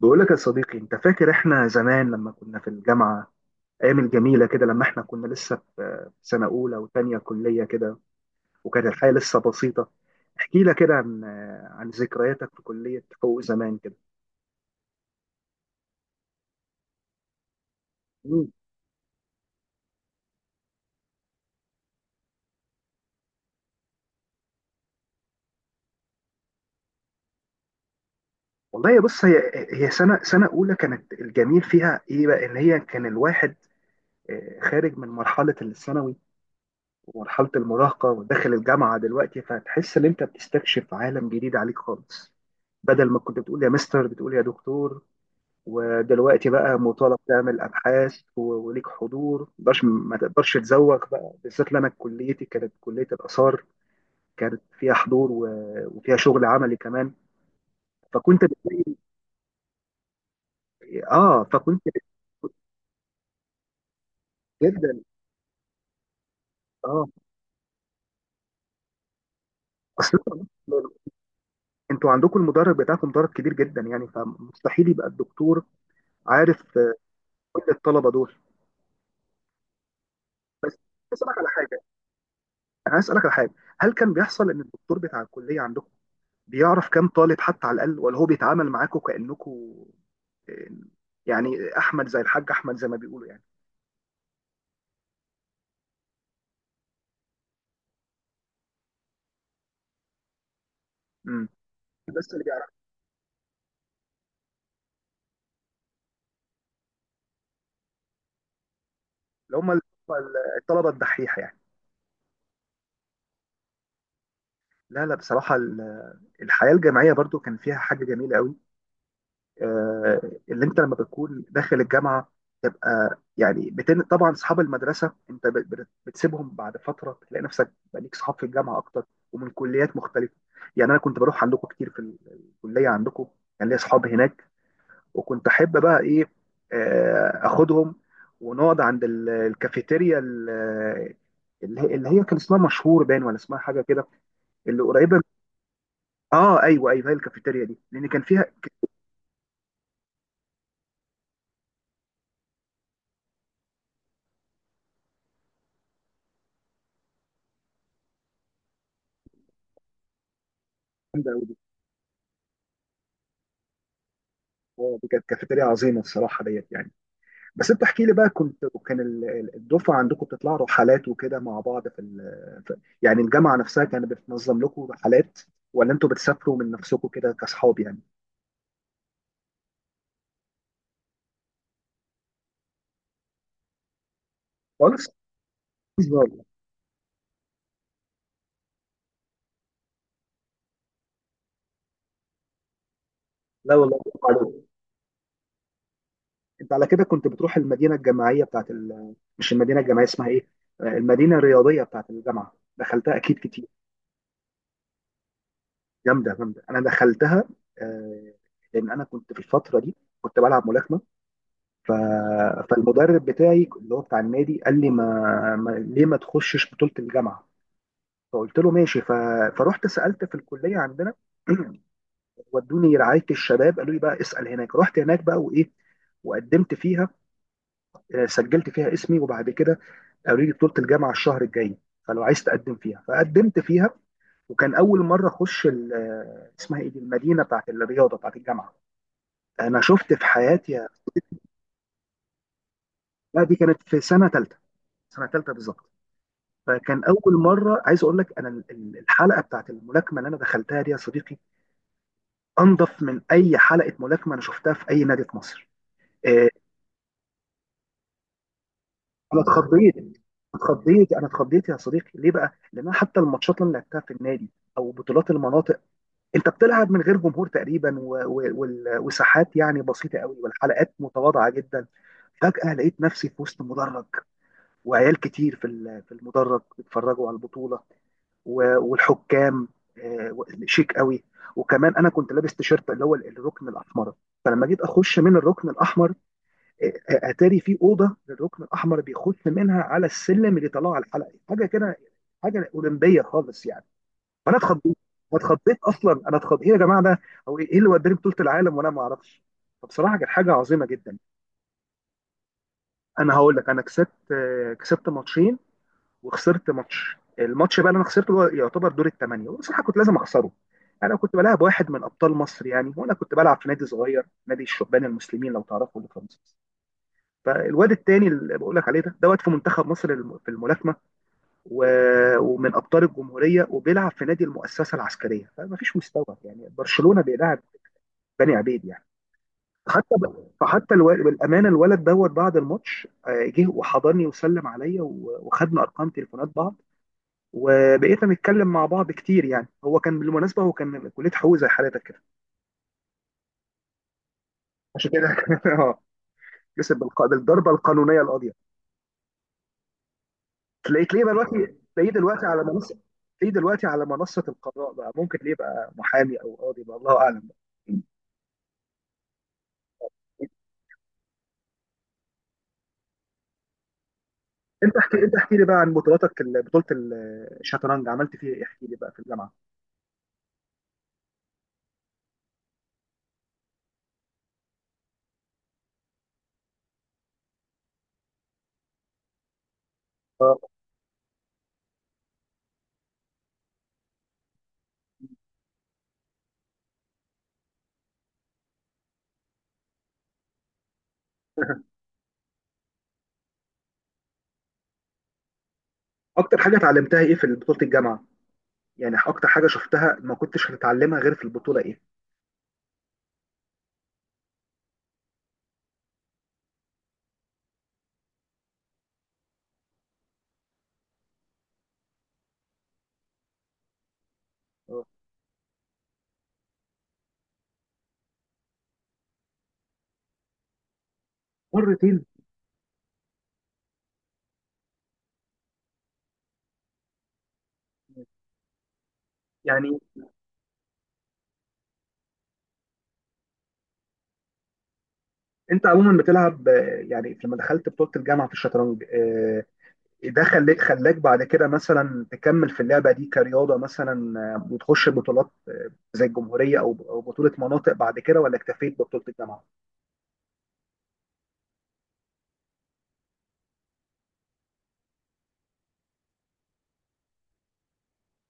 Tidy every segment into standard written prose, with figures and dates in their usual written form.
بقول لك يا صديقي، انت فاكر احنا زمان لما كنا في الجامعه؟ ايام الجميله كده لما احنا كنا لسه في سنه اولى وتانية كليه كده، وكانت الحياه لسه بسيطه. احكي لك كده عن ذكرياتك في كليه حقوق زمان كده. مم. والله يا بص، هي سنه اولى كانت الجميل فيها ايه بقى، ان هي كان الواحد خارج من مرحله الثانوي ومرحله المراهقه وداخل الجامعه دلوقتي، فتحس ان انت بتستكشف عالم جديد عليك خالص. بدل ما كنت بتقول يا مستر بتقول يا دكتور. ودلوقتي بقى مطالب تعمل ابحاث وليك حضور، ما تقدرش تزوق بقى، بالذات لأن انا كليتي كانت كليه الاثار. كانت فيها حضور وفيها شغل عملي كمان. فكنت بتلاقي. اه فكنت. جدا. اه. اصل انتوا انتوا عندكم المدرج بتاعكم، مدرج كبير جدا يعني، فمستحيل يبقى الدكتور عارف كل الطلبه دول. اسالك على حاجه، انا عايز اسالك على حاجه. هل كان بيحصل ان الدكتور بتاع الكليه عندكم بيعرف كام طالب حتى على الاقل، ولا هو بيتعامل معاكم كانكم آه، يعني احمد زي الحاج احمد زي ما بيقولوا يعني؟ امم. بس اللي بيعرف اللي هم الطلبه الدحيحه يعني. لا لا بصراحه، الحياه الجامعيه برضو كان فيها حاجه جميله قوي. آه، اللي انت لما بتكون داخل الجامعه تبقى يعني طبعا اصحاب المدرسه انت بت... بت- بتسيبهم بعد فتره، تلاقي نفسك بقى ليك اصحاب في الجامعه اكتر ومن كليات مختلفه. يعني انا كنت بروح عندكم كتير في الكليه عندكم. كان ليا اصحاب هناك، وكنت احب بقى ايه اخدهم ونقعد عند الكافيتيريا اللي هي كان اسمها مشهور باين، ولا اسمها حاجه كده، اللي قريبه اه ايوه ايوه، هي الكافيتيريا دي لان كان فيها جامده قوي دي. دي كانت كافيتيريا عظيمه الصراحه ديت يعني. بس انت احكي لي بقى، كان الدفعه عندكم بتطلعوا رحلات وكده مع بعض في, في يعني الجامعه نفسها كانت بتنظم لكم رحلات، ولا انتوا بتسافروا من نفسكم كده كاصحاب يعني؟ خالص. لا والله، برافو عليك. انت على كده كنت بتروح المدينه الجامعيه بتاعت مش المدينه الجامعيه، اسمها ايه؟ المدينه الرياضيه بتاعت الجامعه. دخلتها اكيد كتير؟ جامده جامده انا دخلتها. آه، لان انا كنت في الفتره دي كنت بلعب ملاكمه ف... فالمدرب بتاعي اللي هو بتاع النادي قال لي ما... ما... ليه ما تخشش بطوله الجامعه؟ فقلت له ماشي فرحت سالت في الكليه عندنا. ودوني رعايه الشباب قالوا لي بقى اسال هناك. رحت هناك بقى وايه، وقدمت فيها. سجلت فيها اسمي، وبعد كده قالوا لي بطولة الجامعة الشهر الجاي، فلو عايز تقدم فيها، فقدمت فيها. وكان أول مرة أخش اسمها إيه دي المدينة بتاعت الرياضة بتاعت الجامعة، أنا شفت في حياتي. لا دي كانت في سنة تالتة. سنة تالتة بالظبط. فكان أول مرة، عايز أقول لك، أنا الحلقة بتاعت الملاكمة اللي أنا دخلتها دي يا صديقي أنظف من أي حلقة ملاكمة أنا شفتها في أي نادي في مصر. آه، أنا اتخضيت. اتخضيت أنا اتخضيت يا صديقي، ليه بقى؟ لأن أنا حتى الماتشات اللي أنا لعبتها في النادي او بطولات المناطق، انت بتلعب من غير جمهور تقريبا وساحات يعني بسيطه قوي، والحلقات متواضعه جدا. فجاه لقيت نفسي في وسط مدرج، وعيال كتير في في المدرج بيتفرجوا على البطوله والحكام شيك قوي. وكمان انا كنت لابس تيشيرت اللي هو الركن الاحمر. فلما جيت اخش من الركن الاحمر اتاري في اوضه للركن الاحمر بيخش منها على السلم اللي طلع على الحلقه حاجه كده، حاجه اولمبيه خالص يعني. فانا اتخضيت. اتخضيت اصلا، انا اتخضيت، ايه يا جماعه ده؟ هو إيه اللي وداني بطوله العالم وانا ما اعرفش؟ فبصراحه كانت حاجه عظيمه جدا. انا هقول لك، انا كسبت ماتشين وخسرت ماتش. الماتش بقى اللي انا خسرته هو يعتبر دور الثمانيه، وبصراحه كنت لازم اخسره. يعني انا كنت بلعب واحد من ابطال مصر يعني، وانا كنت بلعب في نادي صغير، نادي الشبان المسلمين لو تعرفوا اللي في مصر. فالواد التاني اللي بقول لك عليه ده واد في منتخب مصر، في الملاكمه ومن ابطال الجمهوريه، وبيلعب في نادي المؤسسه العسكريه، فما فيش مستوى. يعني برشلونه بيلعب بني عبيد يعني. حتى ب... فحتى الو... بالامانه الولد دوت بعد الماتش جه وحضني وسلم عليا وخدنا ارقام تليفونات بعض. وبقيت نتكلم مع بعض كتير، يعني هو كان بالمناسبه، هو كان من كليه حقوق زي حالتك كده. عشان كده. اه، كسب بالضربه القانونيه القاضيه. تلاقيه بقى دلوقتي، تلاقيه دلوقتي على منصه، تلاقيه دلوقتي على منصه القضاء بقى، ممكن ليه بقى محامي او قاضي بقى، الله اعلم بقى. انت احكي لي بقى عن بطولاتك، بطوله الشطرنج، عملت فيها ايه؟ احكي لي بقى في الجامعه. اه. اكتر حاجه اتعلمتها ايه في بطوله الجامعه؟ يعني اكتر حاجه شفتها ما كنتش هتتعلمها غير في البطوله، ايه؟ اه. مرتين. يعني انت عموما بتلعب يعني لما دخلت بطوله الجامعه في الشطرنج ده خلاك بعد كده مثلا تكمل في اللعبه دي كرياضه، مثلا وتخش بطولات زي الجمهوريه او بطوله مناطق بعد كده، ولا اكتفيت ببطوله الجامعه؟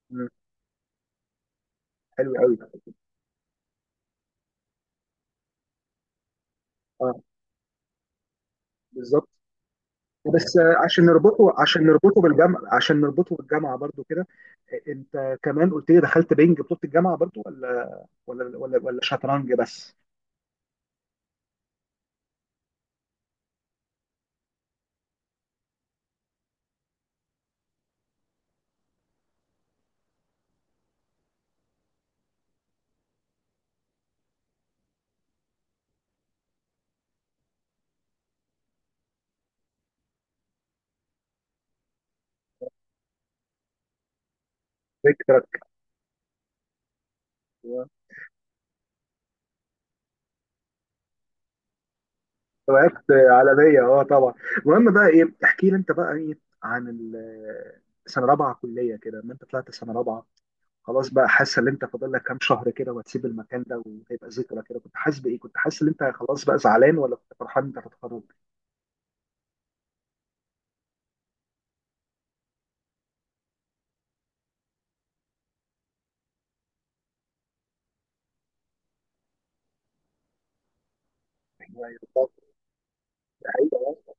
مم، حلو قوي. اه بالظبط. بس عشان نربطه عشان نربطه بالجامعة عشان نربطه بالجامعة برضو كده، انت كمان قلت لي دخلت بينج بطولة الجامعة برضو، ولا شطرنج بس؟ فكرة. وقفت عالمية، اه طبعا. المهم بقى ايه، احكي لي انت بقى ايه عن سنة رابعة كلية كده، ما انت طلعت سنة رابعة خلاص بقى، حاسة ان انت فاضل لك كام شهر كده وهتسيب المكان ده وهيبقى ذكرى كده، كنت حاسس بايه؟ كنت حاسس ان انت خلاص بقى زعلان، ولا كنت فرحان انت هتتخرج؟ أيوة،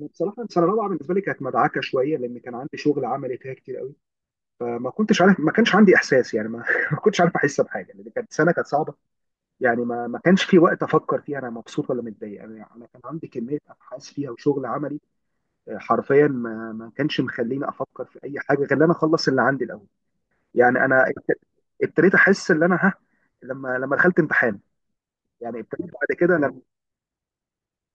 بصراحه السنه الرابعه بالنسبه لي كانت مدعكه شويه، لان كان عندي شغل عملي فيها كتير قوي. فما كنتش عارف، ما كانش عندي احساس، يعني ما, ما كنتش عارف احس بحاجه، لان كانت سنه كانت صعبه. يعني ما كانش في وقت افكر فيها انا مبسوط ولا متضايق انا، يعني كان عندي كميه ابحاث فيها وشغل عملي. حرفيا ما كانش مخليني افكر في اي حاجه غير ان انا اخلص اللي عندي الاول. يعني انا ابتديت احس ان انا لما دخلت امتحان، يعني ابتديت بعد كده.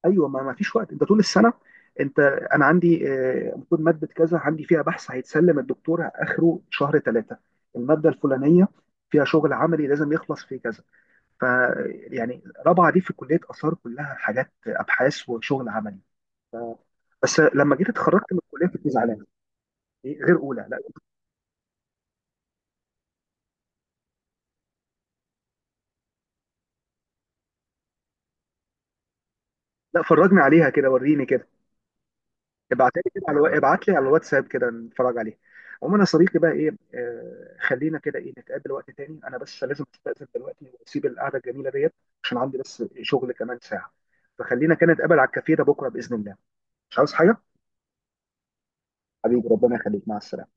ايوه، ما فيش وقت، انت طول السنه، انت، انا عندي المفروض ماده كذا عندي فيها بحث هيتسلم الدكتور اخره شهر ثلاثه، الماده الفلانيه فيها شغل عملي لازم يخلص في كذا. ف يعني رابعه دي في كليه اثار، كلها حاجات ابحاث وشغل عملي. بس لما جيت اتخرجت من الكليه كنت زعلان. إيه، غير اولى، لا. لا فرجني عليها كده، وريني كده. ابعت لي كده ابعت لي على الواتساب كده، نتفرج عليه. عموما يا صديقي بقى ايه، خلينا كده ايه نتقابل وقت تاني، انا بس لازم استأذن دلوقتي واسيب القعده الجميله ديت، عشان عندي بس شغل كمان ساعه. فخلينا كده نتقابل على الكافيه ده بكره باذن الله. مش عاوز حاجه. حبيبي، ربنا يخليك، مع السلامه.